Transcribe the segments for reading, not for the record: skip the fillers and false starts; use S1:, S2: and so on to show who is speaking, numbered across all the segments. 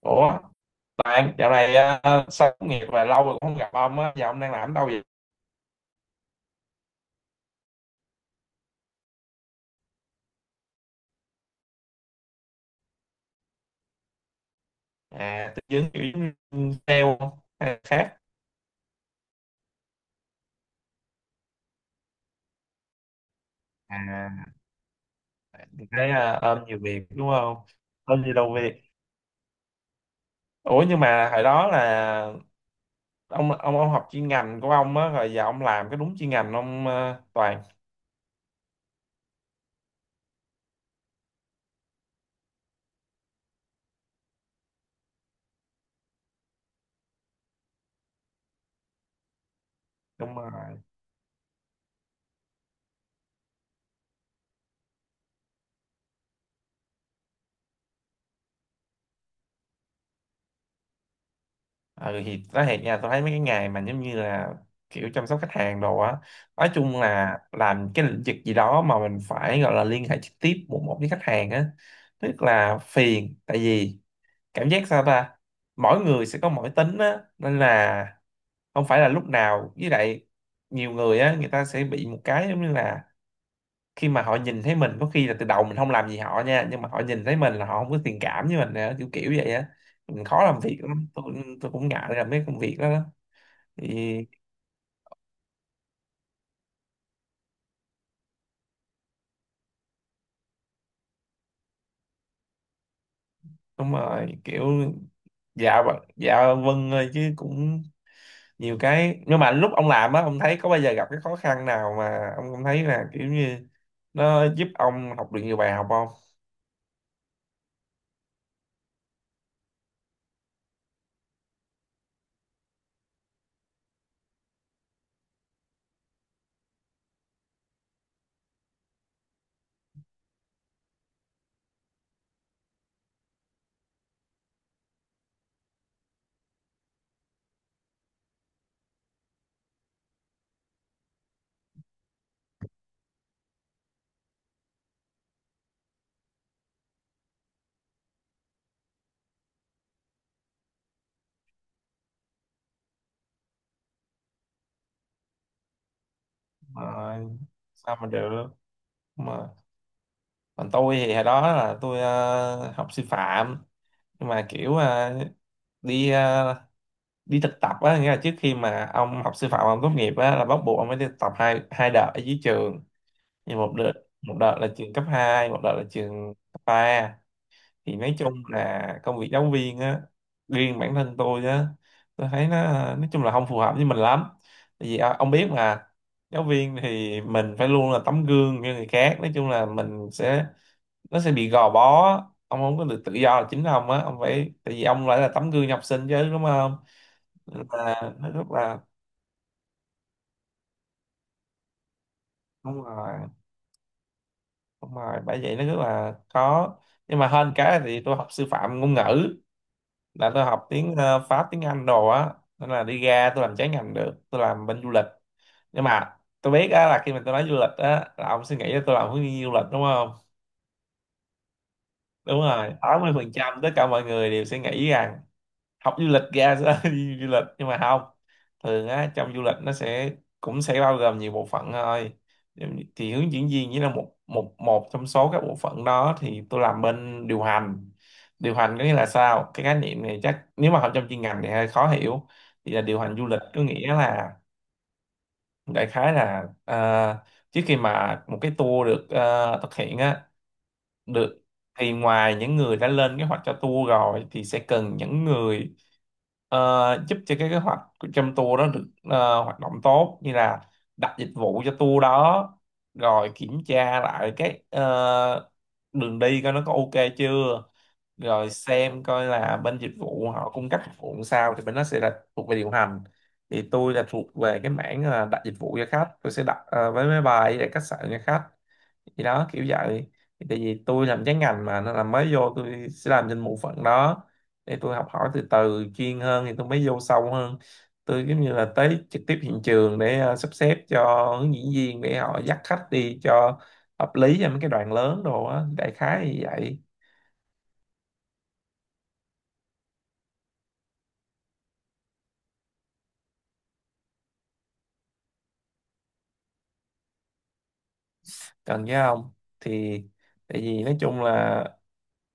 S1: Ủa, bạn dạo này sao tốt nghiệp và lâu rồi cũng không gặp ông á, giờ ông đang làm ở đâu vậy? À, tư vấn kiểu giống sale không? Hay là khác? À, thì thấy ôm nhiều việc đúng không? Ôm nhiều đâu việc. Ủa, nhưng mà hồi đó là ông học chuyên ngành của ông á, rồi giờ ông làm cái đúng chuyên ngành ông, Toàn. Đúng rồi. Ừ, thì nói thiệt nha, tôi thấy mấy cái nghề mà giống như là kiểu chăm sóc khách hàng đồ á, nói chung là làm cái lĩnh vực gì đó mà mình phải gọi là liên hệ trực tiếp một một với khách hàng á, tức là phiền. Tại vì cảm giác sao ta, mỗi người sẽ có mỗi tính á, nên là không phải là lúc nào. Với lại nhiều người á, người ta sẽ bị một cái giống như là khi mà họ nhìn thấy mình, có khi là từ đầu mình không làm gì họ nha, nhưng mà họ nhìn thấy mình là họ không có thiện cảm với mình nữa, kiểu kiểu vậy á, mình khó làm việc lắm tôi. Tôi cũng ngại làm mấy công việc đó. Thì đúng rồi, kiểu dạ vâng dạ vâng ơi chứ cũng nhiều cái. Nhưng mà lúc ông làm á, ông thấy có bao giờ gặp cái khó khăn nào mà ông không thấy là kiểu như nó giúp ông học được nhiều bài học không? Mà sao mà được? Mà còn tôi thì hồi đó là tôi học sư phạm, nhưng mà kiểu, đi ờ, đi thực tập á, nghĩa là trước khi mà ông học sư phạm ông tốt nghiệp á là bắt buộc ông phải đi thực tập hai hai đợt ở dưới trường. Thì một đợt, một đợt là trường cấp hai, một đợt là trường cấp ba. Thì nói chung là công việc giáo viên á, riêng bản thân tôi á, tôi thấy nó nói chung là không phù hợp với mình lắm. Tại vì à, ông biết mà, giáo viên thì mình phải luôn là tấm gương cho người khác. Nói chung là mình sẽ, nó sẽ bị gò bó, ông không có được tự do là chính ông á, ông phải, tại vì ông lại là tấm gương cho học sinh chứ, đúng không? Nên là nó rất là, đúng rồi, đúng rồi, bởi vậy nó rất là khó. Nhưng mà hơn cái thì tôi học sư phạm ngôn ngữ, là tôi học tiếng Pháp, tiếng Anh đồ á, nên là đi ra tôi làm trái ngành được, tôi làm bên du lịch. Nhưng mà tôi biết á là khi mà tôi nói du lịch á, là ông suy nghĩ là tôi làm hướng dẫn viên du lịch đúng không? Đúng rồi, 80% tất cả mọi người đều suy nghĩ rằng học du lịch ra sẽ đi du lịch, nhưng mà không. Thường á, trong du lịch nó sẽ cũng sẽ bao gồm nhiều bộ phận thôi. Thì hướng dẫn viên chỉ là một một một trong số các bộ phận đó, thì tôi làm bên điều hành. Điều hành có nghĩa là sao? Cái khái niệm này chắc nếu mà học trong chuyên ngành thì hơi khó hiểu. Thì là điều hành du lịch có nghĩa là, đại khái là, trước khi mà một cái tour được thực hiện á, được, thì ngoài những người đã lên kế hoạch cho tour rồi thì sẽ cần những người ờ, giúp cho cái kế hoạch của- trong tour đó được hoạt động tốt, như là đặt dịch vụ cho tour đó, rồi kiểm tra lại cái, đường đi coi nó có ok chưa, rồi xem coi là bên dịch vụ họ cung cấp dịch vụ sao, thì bên đó sẽ là thuộc về điều hành. Thì tôi là thuộc về cái mảng đặt dịch vụ cho khách, tôi sẽ đặt vé máy bay để khách sạn cho khách. Thì đó, kiểu vậy. Thì tại vì tôi làm trái ngành mà, nên là mới vô tôi sẽ làm trên bộ phận đó, để tôi học hỏi từ từ chuyên hơn thì tôi mới vô sâu hơn. Tôi giống như là tới trực tiếp hiện trường để sắp xếp cho hướng dẫn viên để họ dắt khách đi cho hợp lý, cho mấy cái đoàn lớn đồ á, đại khái như vậy. Cần chứ không thì, tại vì nói chung là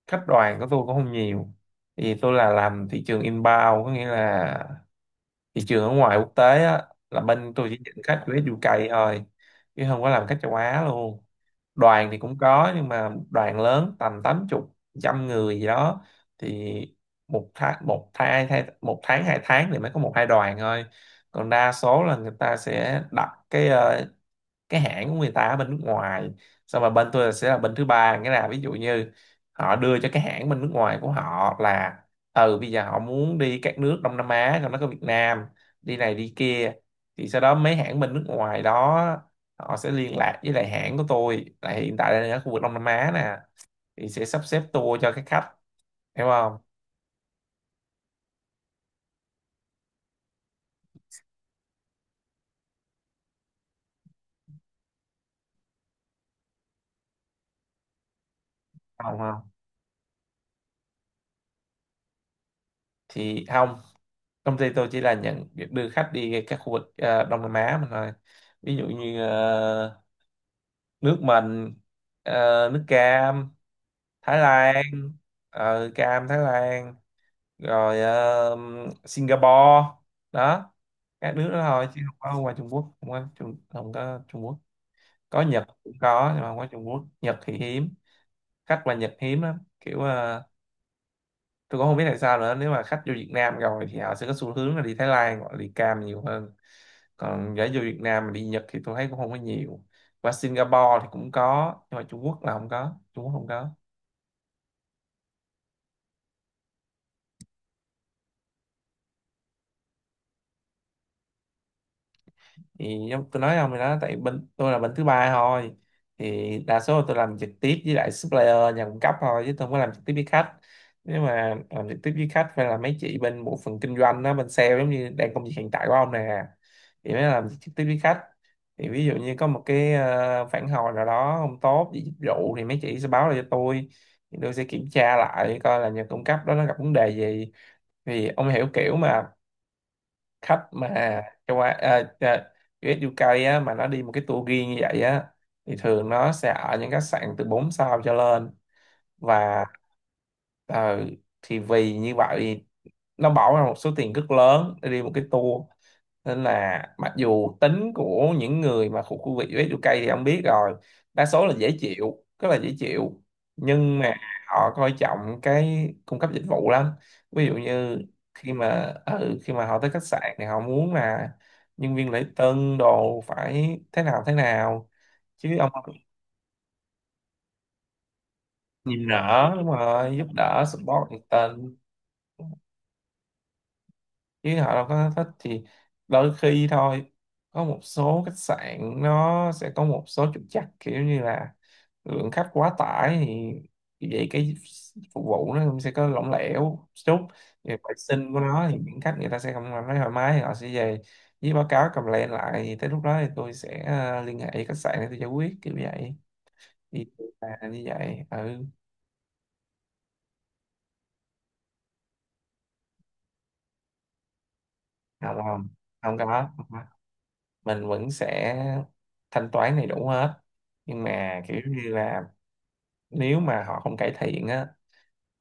S1: khách đoàn của tôi cũng không nhiều. Thì tôi là làm thị trường inbound, có nghĩa là thị trường ở ngoài quốc tế á, là bên tôi chỉ nhận khách US UK thôi, chứ không có làm khách châu Á luôn. Đoàn thì cũng có nhưng mà đoàn lớn tầm 80, trăm người gì đó. Thì một tháng, một tháng hai, một tháng hai tháng thì mới có một hai đoàn thôi. Còn đa số là người ta sẽ đặt cái, cái hãng của người ta ở bên nước ngoài, xong rồi bên tôi sẽ là bên thứ ba, nghĩa là ví dụ như họ đưa cho cái hãng bên nước ngoài của họ là ừ bây giờ họ muốn đi các nước Đông Nam Á trong đó có Việt Nam, đi này đi kia, thì sau đó mấy hãng bên nước ngoài đó họ sẽ liên lạc với lại hãng của tôi là hiện tại đang ở khu vực Đông Nam Á nè, thì sẽ sắp xếp tour cho các khách. Hiểu không? Không, không, thì không, công ty tôi chỉ là nhận việc đưa khách đi các khu vực Đông Nam Á mà thôi. Ví dụ như nước mình, nước cam, Thái Lan, cam Thái Lan, rồi Singapore đó, các nước đó thôi. Chứ không có ngoài Trung Quốc, không có không có Trung Quốc. Có Nhật cũng có nhưng mà không có Trung Quốc. Nhật thì hiếm, khách qua Nhật hiếm lắm, kiểu tôi cũng không biết tại sao nữa. Nếu mà khách vô Việt Nam rồi thì họ sẽ có xu hướng là đi Thái Lan hoặc là đi cam nhiều hơn, còn gái vô Việt Nam mà đi Nhật thì tôi thấy cũng không có nhiều. Và Singapore thì cũng có, nhưng mà Trung Quốc là không có, Trung Quốc không có. Thì giống tôi nói ông thì đó, tại bên tôi là bên thứ ba thôi, thì đa số là tôi làm trực tiếp với lại supplier, nhà cung cấp thôi, chứ tôi không có làm trực tiếp với khách. Nếu mà làm trực tiếp với khách phải là mấy chị bên bộ phận kinh doanh đó, bên sale, giống như đang công việc hiện tại của ông nè, thì mới làm trực tiếp với khách. Thì ví dụ như có một cái phản hồi nào đó không tốt về dịch vụ thì mấy chị sẽ báo lại cho tôi, thì tôi sẽ kiểm tra lại coi là nhà cung cấp đó nó gặp vấn đề gì. Thì ông hiểu, kiểu mà khách mà châu Á, US UK á, mà nó đi một cái tour riêng như vậy á, thì thường nó sẽ ở những khách sạn từ 4 sao cho lên, và ờ, thì vì như vậy nó bỏ ra một số tiền rất lớn để đi một cái tour, nên là mặc dù tính của những người mà thuộc khu vực US UK thì ông biết rồi, đa số là dễ chịu, rất là dễ chịu, nhưng mà họ coi trọng cái cung cấp dịch vụ lắm. Ví dụ như khi mà họ tới khách sạn thì họ muốn là nhân viên lễ tân đồ phải thế nào thế nào, chứ ông, nhìn nở đúng rồi, giúp đỡ support nhiệt tình, chứ họ đâu có thích. Thì đôi khi thôi, có một số khách sạn nó sẽ có một số trục trặc, kiểu như là lượng khách quá tải, thì vậy cái phục vụ nó cũng sẽ có lỏng lẻo chút, thì vệ sinh của nó thì những khách người ta sẽ không cảm thấy thoải mái thì họ sẽ về với báo cáo complain lại, thì tới lúc đó thì tôi sẽ liên hệ với khách sạn để tôi giải quyết, kiểu vậy. Thì là như vậy, ừ. Không, không, không có. Ừ, mình vẫn sẽ thanh toán đầy đủ hết, nhưng mà kiểu như là nếu mà họ không cải thiện á,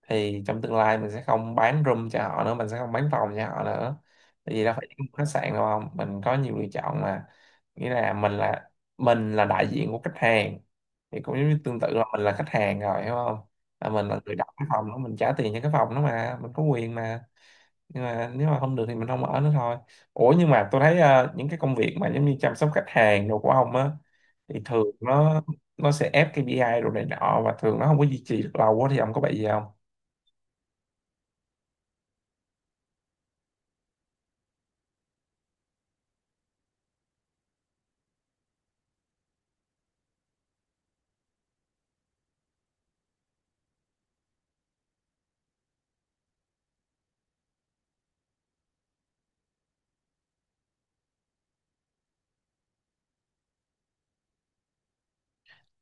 S1: thì trong tương lai mình sẽ không bán room cho họ nữa, mình sẽ không bán phòng cho họ nữa. Tại vì đâu phải chỉ một khách sạn đâu, không, mình có nhiều lựa chọn mà. Nghĩa là mình là, mình là đại diện của khách hàng, thì cũng giống như tương tự là mình là khách hàng rồi, hiểu không? Là mình là người đặt cái phòng đó, mình trả tiền cho cái phòng đó mà, mình có quyền mà. Nhưng mà nếu mà không được thì mình không ở nữa thôi. Ủa, nhưng mà tôi thấy những cái công việc mà giống như chăm sóc khách hàng đồ của ông á, thì thường nó sẽ ép KPI đồ này nọ, và thường nó không có duy trì được lâu quá, thì ông có bị gì không?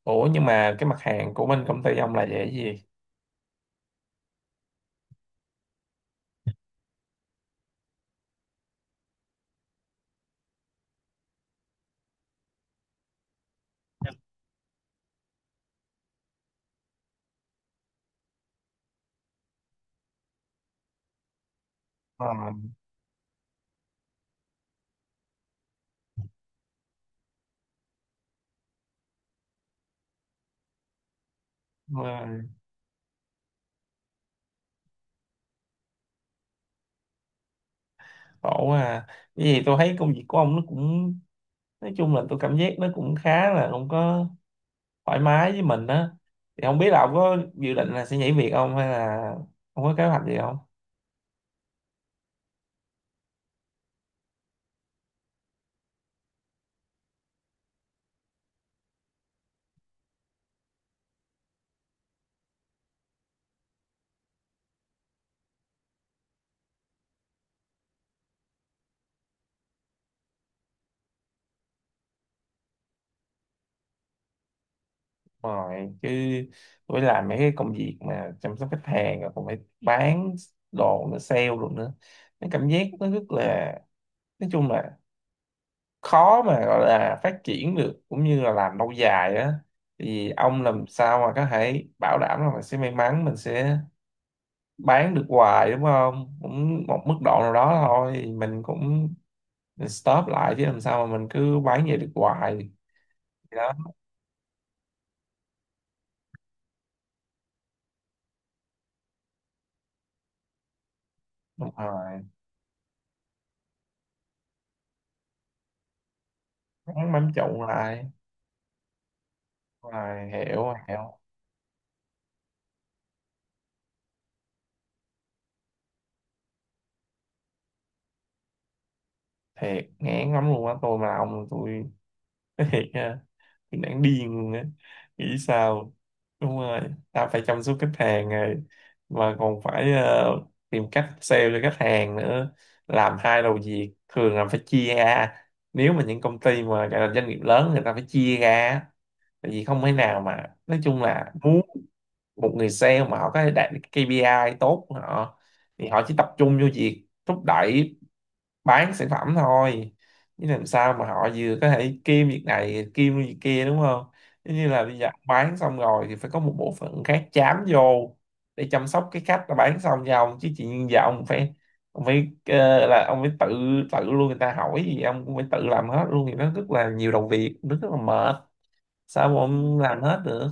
S1: Ủa, nhưng mà cái mặt hàng của bên công ty ông là về cái gì? Ờ, đúng rồi. Khổ quá à. Cái gì, tôi thấy công việc của ông nó cũng nói chung là tôi cảm giác nó cũng khá là không có thoải mái với mình á. Thì không biết là ông có dự định là sẽ nhảy việc không hay là không có kế hoạch gì không? Rồi chứ. Với lại mấy cái công việc mà chăm sóc khách hàng rồi còn phải bán đồ nữa, sale luôn nữa, cái cảm giác nó rất là, nói chung là, khó mà gọi là phát triển được cũng như là làm lâu dài á. Thì ông làm sao mà có thể bảo đảm là mình sẽ may mắn, mình sẽ bán được hoài, đúng không? Cũng một mức độ nào đó thôi, mình cũng, mình stop lại, chứ làm sao mà mình cứ bán vậy được hoài. Thì đó, đúng rồi, bán bám trụ lại, rồi, hiểu hiểu. Thiệt ngán lắm luôn á, tôi mà là ông tôi nói thiệt nha, tôi đang điên luôn á, nghĩ sao. Đúng rồi, ta phải chăm sóc khách hàng rồi mà còn phải tìm cách sale cho khách hàng nữa, làm hai đầu việc, thường là phải chia ra. Nếu mà những công ty mà gọi là doanh nghiệp lớn người ta phải chia ra á. Tại vì không thể nào mà nói chung là muốn một người sale mà họ có đạt được KPI tốt của họ thì họ chỉ tập trung vô việc thúc đẩy bán sản phẩm thôi, chứ làm sao mà họ vừa có thể kiêm việc này kiêm việc kia đúng không? Giống như là bây giờ ông bán xong rồi thì phải có một bộ phận khác chám vô để chăm sóc cái khách đã bán xong cho ông, chứ chị nhiên giờ ông phải, ông phải là ông phải tự, tự luôn, người ta hỏi gì ông cũng phải tự làm hết luôn, thì nó rất là nhiều đầu việc, nó rất là mệt, sao mà ông làm hết được.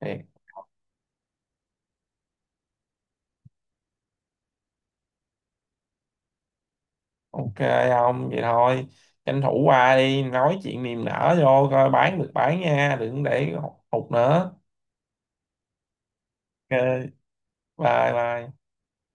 S1: Thì ok, ông vậy thôi, tranh thủ qua đi nói chuyện niềm nở vô coi bán được bán nha, đừng để hụt nữa. Ok. Bye bye.